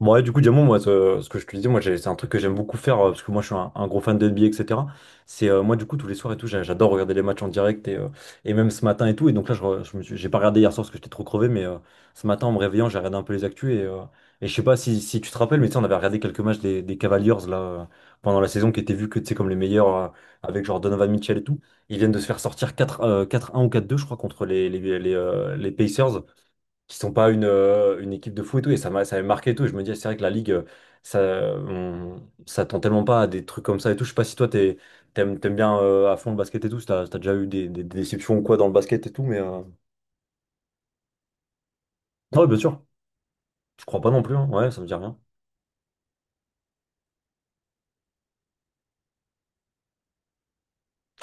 Bon, ouais, du coup, Diamond, moi, ce que je te disais, moi, c'est un truc que j'aime beaucoup faire, parce que moi, je suis un gros fan de NBA, etc. C'est, moi, du coup, tous les soirs et tout, j'adore regarder les matchs en direct, et même ce matin et tout. Et donc là, je, re- je me suis- j'ai pas regardé hier soir parce que j'étais trop crevé, mais ce matin, en me réveillant, j'ai regardé un peu les actus, et je sais pas si, si tu te rappelles, mais tu sais, on avait regardé quelques matchs des Cavaliers, pendant la saison, qui étaient vus que, tu sais, comme les meilleurs, avec genre Donovan Mitchell et tout. Ils viennent de se faire sortir quatre 4-1 ou quatre deux je crois, contre les Pacers qui sont pas une équipe de foot et tout, et ça m'avait marqué et tout. Et je me dis, c'est vrai que la Ligue, ça, ça tend tellement pas à des trucs comme ça et tout. Je sais pas si toi, t'aimes bien à fond le basket et tout, si si t'as déjà eu des déceptions ou quoi dans le basket et tout, Non, bien sûr, je crois pas non plus, hein. Ouais, ça me dit rien.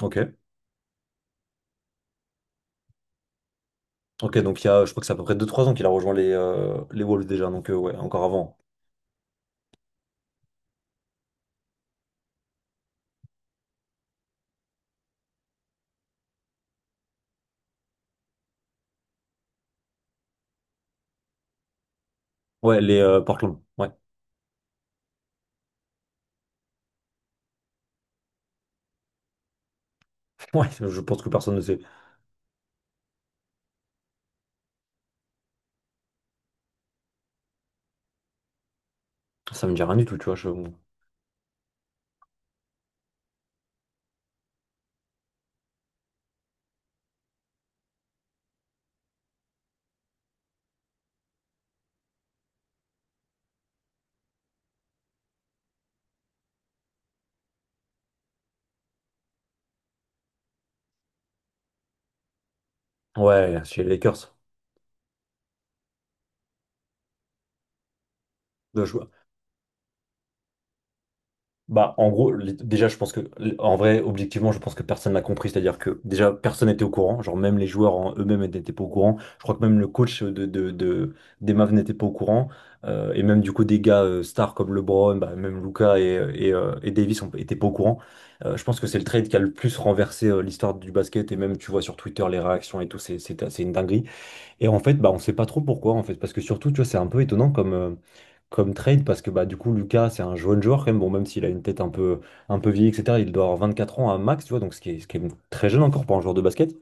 Ok. Ok, donc il y a, je crois que c'est à peu près deux trois ans qu'il a rejoint les Wolves déjà, donc ouais, encore avant. Ouais, les Portland, ouais. Ouais, je pense que personne ne sait. Ça me dit rien du tout, tu vois. Ouais, chez les Lakers. Bah, en gros, déjà, en vrai, objectivement, je pense que personne n'a compris. C'est-à-dire que, déjà, personne n'était au courant. Genre, même les joueurs en eux-mêmes n'étaient pas au courant. Je crois que même le coach des Mavs n'était pas au courant. Et même, du coup, des gars stars comme LeBron, bah, même Luca et Davis n'étaient pas au courant. Je pense que c'est le trade qui a le plus renversé l'histoire du basket. Et même, tu vois sur Twitter les réactions et tout, c'est une dinguerie. Et en fait, bah, on sait pas trop pourquoi, en fait, parce que surtout, tu vois, c'est un peu étonnant comme, comme trade, parce que bah, du coup, Lucas, c'est un jeune joueur quand même, bon, même s'il a une tête un peu vieille, etc., il doit avoir 24 ans à max, tu vois, donc ce qui est très jeune encore pour un joueur de basket.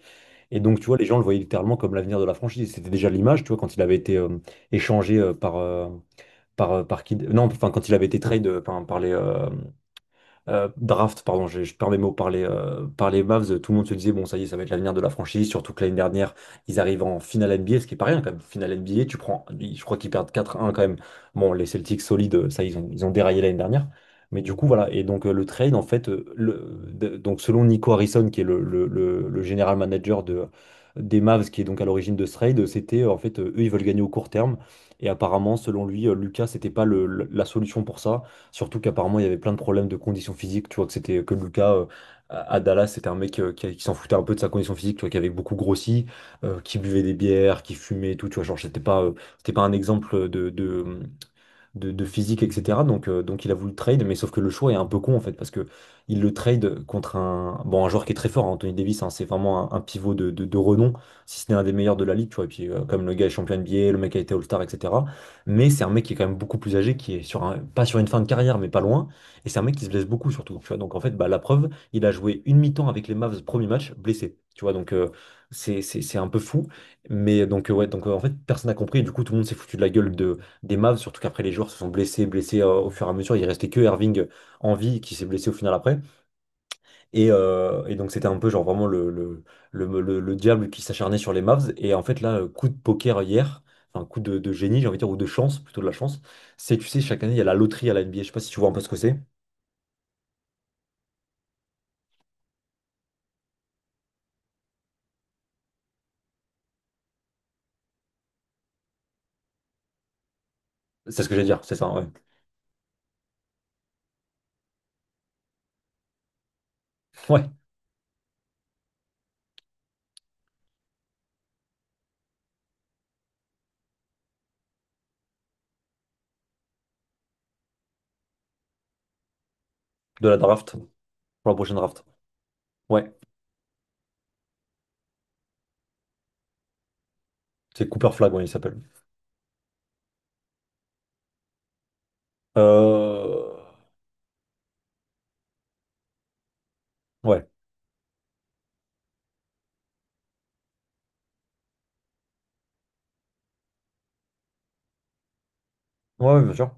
Et donc, tu vois, les gens le voyaient littéralement comme l'avenir de la franchise. C'était déjà l'image, tu vois, quand il avait été échangé par Kid... Non, enfin, quand il avait été trade draft, pardon, je perds mes mots, par par les Mavs, tout le monde se disait, bon, ça y est, ça va être l'avenir de la franchise, surtout que l'année dernière, ils arrivent en finale NBA, ce qui est pas rien quand même. Finale NBA, tu prends, je crois qu'ils perdent quatre un quand même. Bon, les Celtics solides, ça, ils ont déraillé l'année dernière. Mais du coup, voilà. Et donc, le trade, en fait, donc, selon Nico Harrison, qui est le general manager de, des Mavs, qui est donc à l'origine de ce trade, c'était, en fait, eux, ils veulent gagner au court terme. Et apparemment, selon lui, Lucas, c'était pas la solution pour ça. Surtout qu'apparemment, il y avait plein de problèmes de conditions physiques. Tu vois que c'était que Lucas à Dallas, c'était un mec qui s'en foutait un peu de sa condition physique, tu vois, qui avait beaucoup grossi, qui buvait des bières, qui fumait et tout. Tu vois, genre, c'était pas un exemple de physique, etc. Donc il a voulu le trade, mais sauf que le choix est un peu con en fait, parce que il le trade contre un, bon, un joueur qui est très fort, hein, Anthony Davis, hein, c'est vraiment un pivot de renom, si ce n'est un des meilleurs de la ligue, tu vois. Et puis, comme le gars est champion NBA, le mec a été All-Star, etc. Mais c'est un mec qui est quand même beaucoup plus âgé, qui est sur un, pas sur une fin de carrière, mais pas loin. Et c'est un mec qui se blesse beaucoup surtout, tu vois. Donc en fait, bah, la preuve, il a joué une mi-temps avec les Mavs, premier match, blessé. Tu vois, donc c'est un peu fou. Mais donc, en fait, personne n'a compris. Et du coup, tout le monde s'est foutu de la gueule de, des Mavs, surtout qu'après les joueurs se sont blessés au fur et à mesure. Il restait que Irving en vie qui s'est blessé au final après. Et donc c'était un peu genre vraiment le diable qui s'acharnait sur les Mavs. Et en fait là, coup de poker hier, enfin coup de génie, j'ai envie de dire, ou de chance, plutôt de la chance, c'est tu sais, chaque année il y a la loterie à la NBA. Je sais pas si tu vois un peu ce que c'est. C'est ce que j'allais dire, c'est ça, ouais. Ouais, de la draft, pour la prochaine draft. Ouais, c'est Cooper Flag, ouais, il s'appelle. Euh... Ouais, ouais, bien sûr.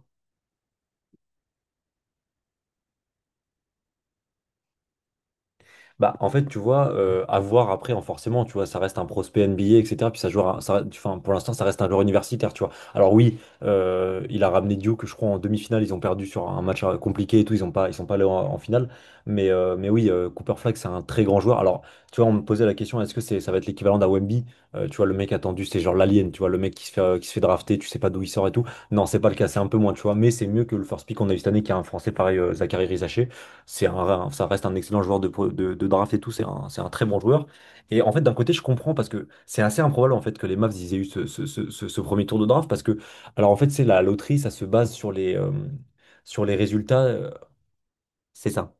Bah, en fait, tu vois, à voir après, en forcément, tu vois, ça reste un prospect NBA, etc. Puis ça joue, ça, enfin, pour l'instant, ça reste un joueur universitaire, tu vois. Alors oui, il a ramené Duke, je crois, en demi-finale, ils ont perdu sur un match compliqué et tout, ils sont pas allés en finale. Mais oui, Cooper Flag, c'est un très grand joueur. Alors, tu vois, on me posait la question, est-ce que c'est, ça va être l'équivalent d'un Wemby? Tu vois, le mec attendu, c'est genre l'alien, tu vois, le mec qui se fait drafter, tu sais pas d'où il sort et tout. Non, c'est pas le cas, c'est un peu moins, tu vois, mais c'est mieux que le first pick qu'on a eu cette année, qui a un Français pareil, Zachary Rizaché. C'est un, ça reste un excellent joueur de draft et tout, c'est un très bon joueur. Et en fait, d'un côté, je comprends parce que c'est assez improbable en fait que les Mavs ils aient eu ce premier tour de draft parce que, alors en fait, c'est la loterie, ça se base sur les résultats. C'est ça.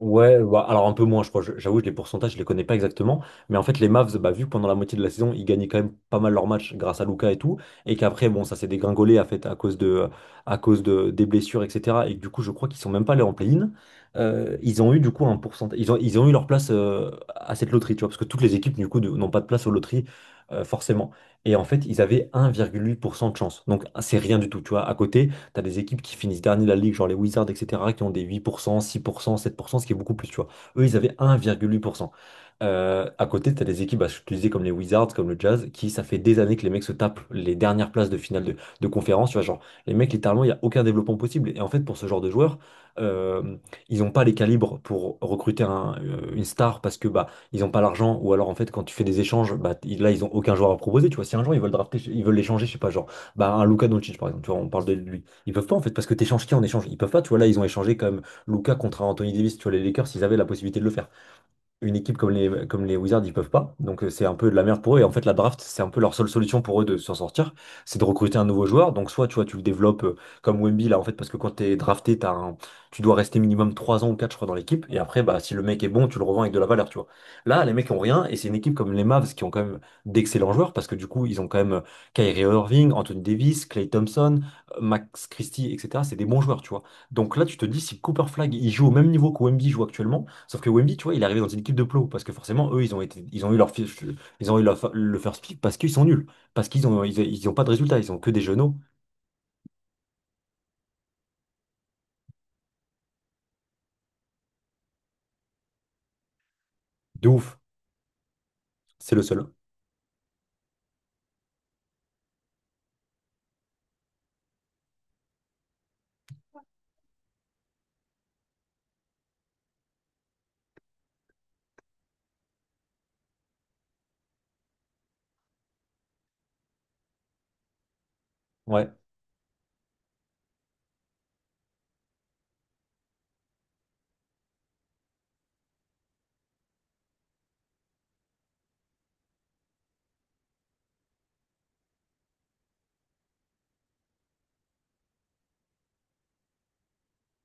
Ouais, bah, alors un peu moins, je crois. J'avoue, les pourcentages, je les connais pas exactement. Mais en fait, les Mavs, bah, vu que pendant la moitié de la saison, ils gagnaient quand même pas mal leurs matchs grâce à Luka et tout, et qu'après, bon, ça s'est dégringolé à, fait, à cause de, des blessures, etc. Et que du coup, je crois qu'ils sont même pas allés en play-in. Ils ont eu du coup un pourcentage. Ils ont eu leur place à cette loterie, tu vois, parce que toutes les équipes, du coup, n'ont pas de place aux loteries, forcément. Et en fait, ils avaient 1,8% de chance. Donc, c'est rien du tout, tu vois. À côté, t'as des équipes qui finissent dernier de la ligue, genre les Wizards, etc., qui ont des huit pour cent six pour cent, sept pour cent ce qui est beaucoup plus, tu vois. Eux, ils avaient 1,8%. À côté, t'as des équipes, bah, je te disais, comme les Wizards, comme le Jazz, qui, ça fait des années que les mecs se tapent les dernières places de finale de conférence, tu vois, genre, les mecs, littéralement, il n'y a aucun développement possible. Et en fait, pour ce genre de joueurs, euh, ils n'ont pas les calibres pour recruter une star parce que, bah, ils n'ont pas l'argent, ou alors, en fait, quand tu fais des échanges, bah, là, ils ont aucun joueur à proposer, tu vois. Si un jour, ils veulent drafter, ils veulent l'échanger, je sais pas, genre, bah, un Luka Doncic, par exemple, tu vois, on parle de lui, ils peuvent pas en fait, parce que t'échanges qui en échange? Ils peuvent pas, tu vois, là, ils ont échangé quand même Luka contre Anthony Davis, tu vois, les Lakers, ils avaient la possibilité de le faire. Une équipe comme les Wizards, ils peuvent pas. Donc c'est un peu de la merde pour eux. Et en fait, la draft, c'est un peu leur seule solution pour eux de s'en sortir. C'est de recruter un nouveau joueur. Donc soit tu vois, tu le développes comme Wemby là, en fait, parce que quand t'es drafté, tu dois rester minimum 3 ans ou 4 je crois, dans l'équipe. Et après, bah, si le mec est bon, tu le revends avec de la valeur, tu vois. Là, les mecs ont rien. Et c'est une équipe comme les Mavs qui ont quand même d'excellents joueurs parce que du coup, ils ont quand même Kyrie Irving, Anthony Davis, Clay Thompson, Max Christie, etc. C'est des bons joueurs, tu vois. Donc là, tu te dis, si Cooper Flag il joue au même niveau que Wemby joue actuellement. Sauf que Wemby, tu vois, il est arrivé dans une équipe de plots parce que forcément, eux, ils ont eu le first pick parce qu'ils sont nuls, parce qu'ils ont pas de résultats, ils ont que des genoux de ouf. C'est le seul. Ouais.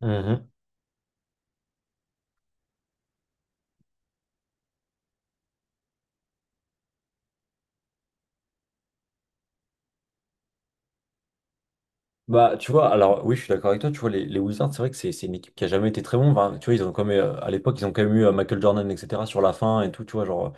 Mhm. Bah, tu vois, alors oui, je suis d'accord avec toi. Tu vois, les Wizards, c'est vrai que c'est une équipe qui a jamais été très bon. Enfin, tu vois, ils ont quand même, à l'époque, ils ont quand même eu Michael Jordan, etc. sur la fin et tout. Tu vois,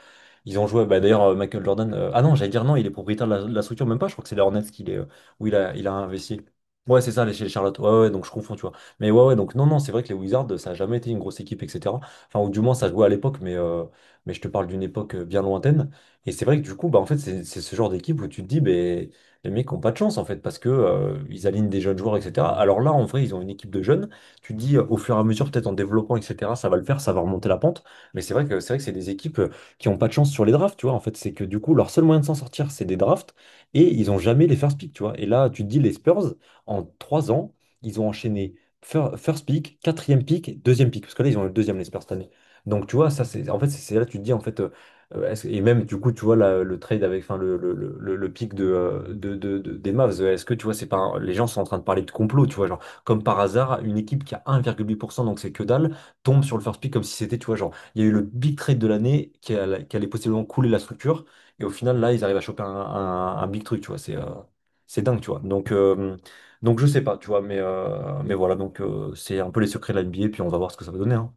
ils ont joué. Bah, d'ailleurs, Michael Jordan. Ah non, j'allais dire non, il est propriétaire de la structure, même pas. Je crois que c'est les Hornets qu'il est, où il a investi. Ouais, c'est ça, les chez les Charlotte. Ouais, ouais, donc je confonds, tu vois. Mais ouais, ouais, donc non, non, c'est vrai que les Wizards, ça a jamais été une grosse équipe, etc. Enfin, ou du moins, ça jouait à l'époque, mais je te parle d'une époque bien lointaine. Et c'est vrai que du coup, bah, en fait, c'est ce genre d'équipe où tu te dis, bah, les mecs n'ont pas de chance en fait parce que ils alignent des jeunes joueurs, etc. Alors là, en vrai, ils ont une équipe de jeunes. Tu te dis au fur et à mesure, peut-être en développant, etc. Ça va le faire, ça va remonter la pente. Mais c'est vrai que c'est des équipes qui n'ont pas de chance sur les drafts, tu vois. En fait, c'est que du coup, leur seul moyen de s'en sortir, c'est des drafts et ils n'ont jamais les first pick, tu vois. Et là, tu te dis les Spurs en trois ans, ils ont enchaîné first pick, quatrième pick, deuxième pick parce que là, ils ont eu le deuxième les Spurs cette année. Donc tu vois, ça c'est en fait c'est là que tu te dis en fait Et même du coup, tu vois le trade avec, enfin le pic de, des Mavs, est-ce que tu vois, c'est pas un- les gens sont en train de parler de complot, tu vois, genre comme par hasard, une équipe qui a 1,8%, donc c'est que dalle, tombe sur le first pick comme si c'était, tu vois, genre il y a eu le big trade de l'année qui allait possiblement couler la structure, et au final là, ils arrivent à choper un big truc, tu vois, c'est dingue, tu vois. Donc je sais pas, tu vois, mais voilà, donc c'est un peu les secrets de la NBA, puis on va voir ce que ça va donner, hein.